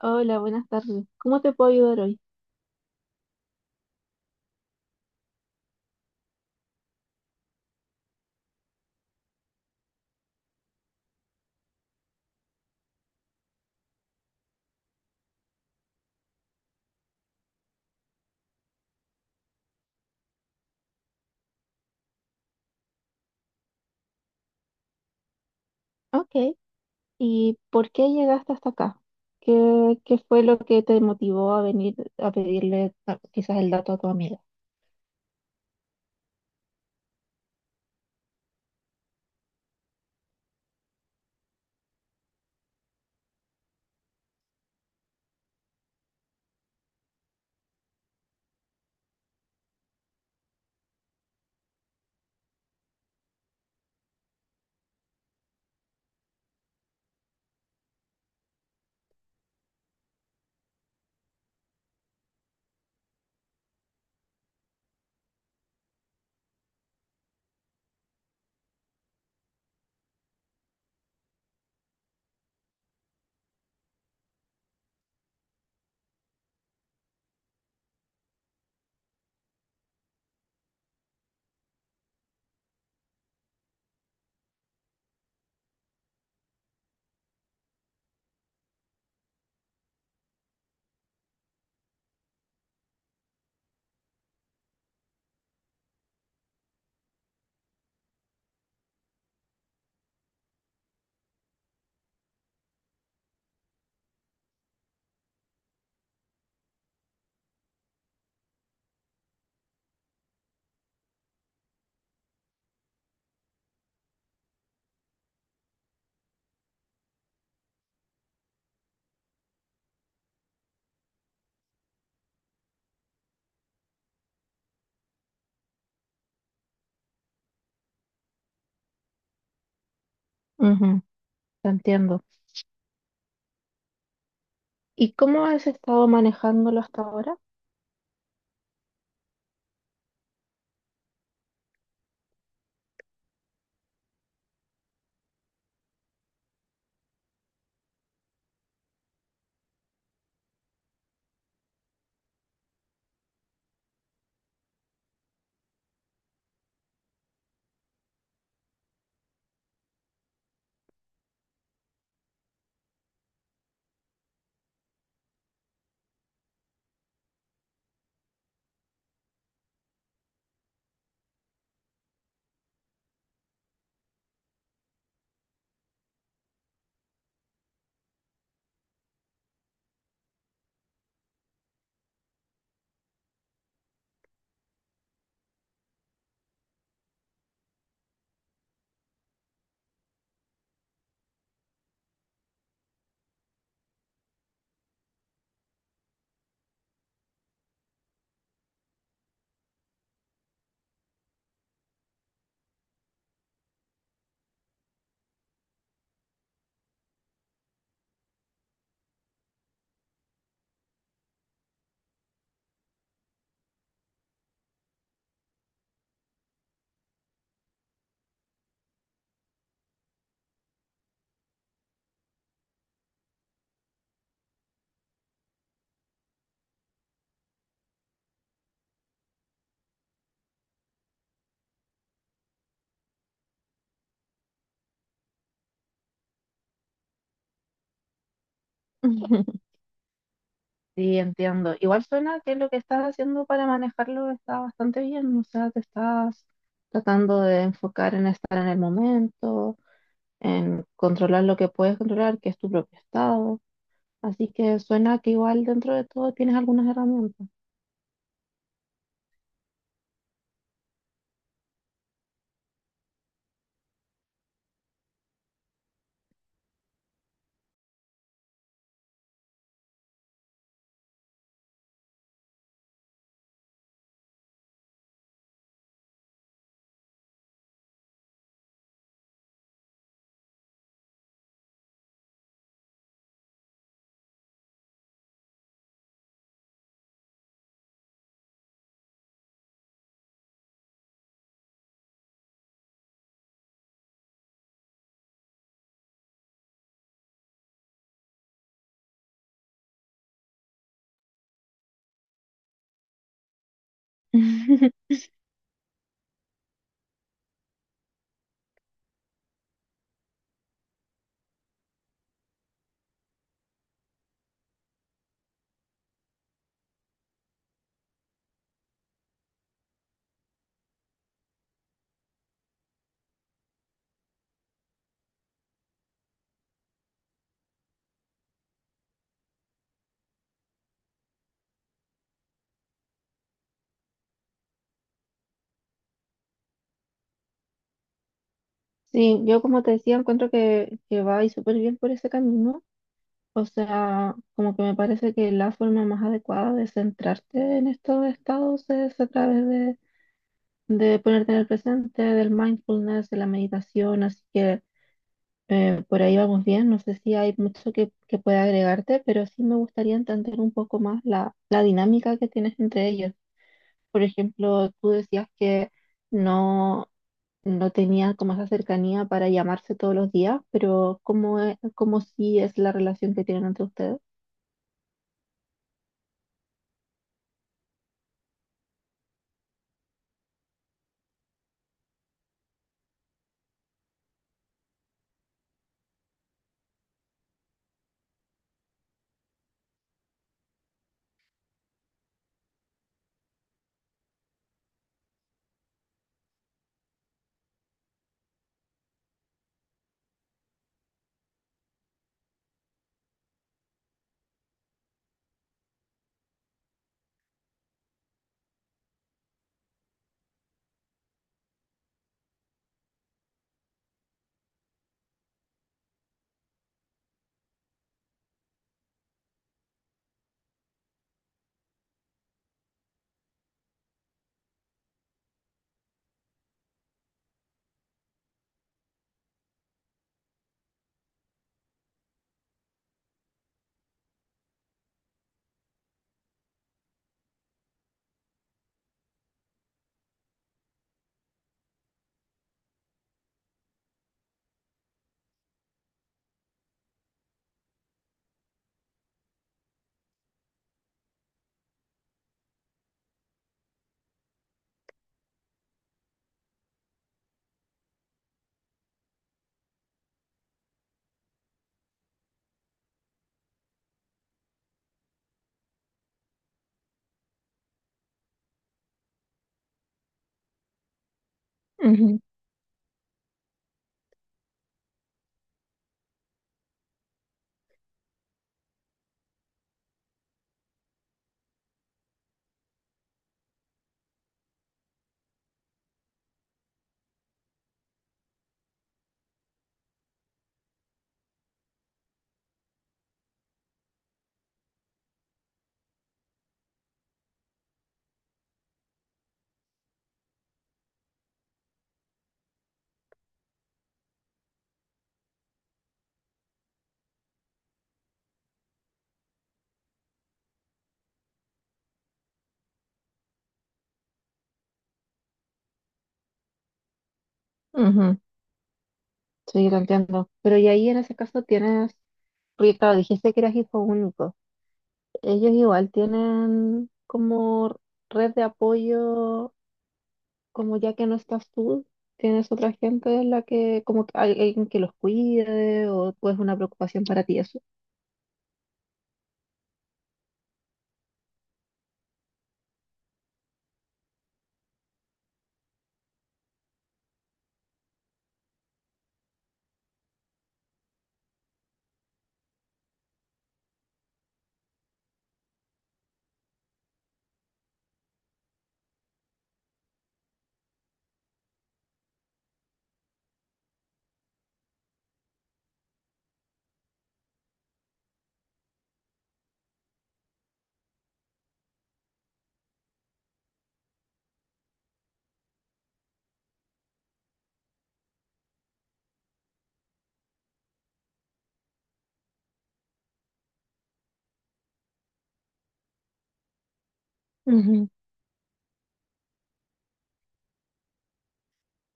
Hola, buenas tardes. ¿Cómo te puedo ayudar hoy? Ok. ¿Y por qué llegaste hasta acá? ¿Qué fue lo que te motivó a venir a pedirle quizás el dato a tu amiga? Ujú, te entiendo. ¿Y cómo has estado manejándolo hasta ahora? Sí, entiendo. Igual suena que lo que estás haciendo para manejarlo está bastante bien, o sea, te estás tratando de enfocar en estar en el momento, en controlar lo que puedes controlar, que es tu propio estado. Así que suena que igual dentro de todo tienes algunas herramientas. Sí, yo como te decía, encuentro que va y súper bien por ese camino. O sea, como que me parece que la forma más adecuada de centrarte en estos estados es a través de ponerte en el presente, del mindfulness, de la meditación. Así que por ahí vamos bien. No sé si hay mucho que pueda agregarte, pero sí me gustaría entender un poco más la dinámica que tienes entre ellos. Por ejemplo, tú decías que no, no tenía como esa cercanía para llamarse todos los días, pero ¿cómo sí es la relación que tienen entre ustedes? Ujú, ujú. Sí, lo entiendo. Pero y ahí en ese caso tienes, porque claro, dijiste que eras hijo único. Ellos igual tienen como red de apoyo, como ya que no estás tú, tienes otra gente en la que, como que hay alguien que los cuide o es una preocupación para ti eso.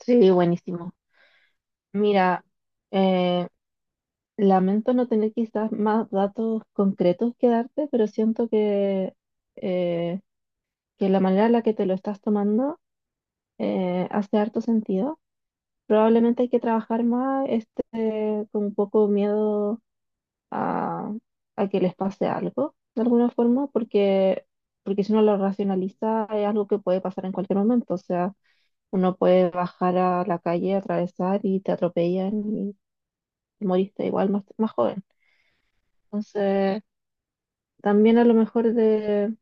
Sí, buenísimo. Mira, eh, lamento no tener quizás más datos concretos que darte, pero siento eh, que la manera en la que te lo estás tomando hace harto sentido. Probablemente hay que trabajar más este, con un poco miedo a, a que les pase algo, de alguna forma, porque, porque si uno lo racionaliza es algo que puede pasar en cualquier momento. O sea, uno puede bajar a la calle, atravesar y te atropellan te moriste igual más, más joven. Entonces, también a lo mejor de,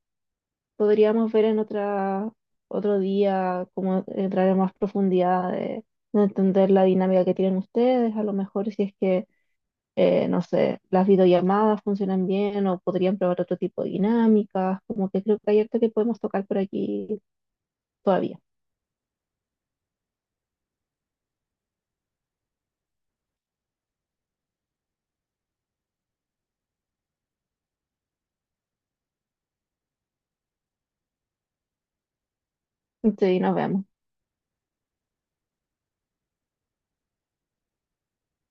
podríamos ver en otra, otro día cómo entrar en más profundidad de entender la dinámica que tienen ustedes, a lo mejor si es que, no sé, las videollamadas funcionan bien o podrían probar otro tipo de dinámicas, como que creo que hay harto que podemos tocar por aquí todavía. Sí, nos vemos.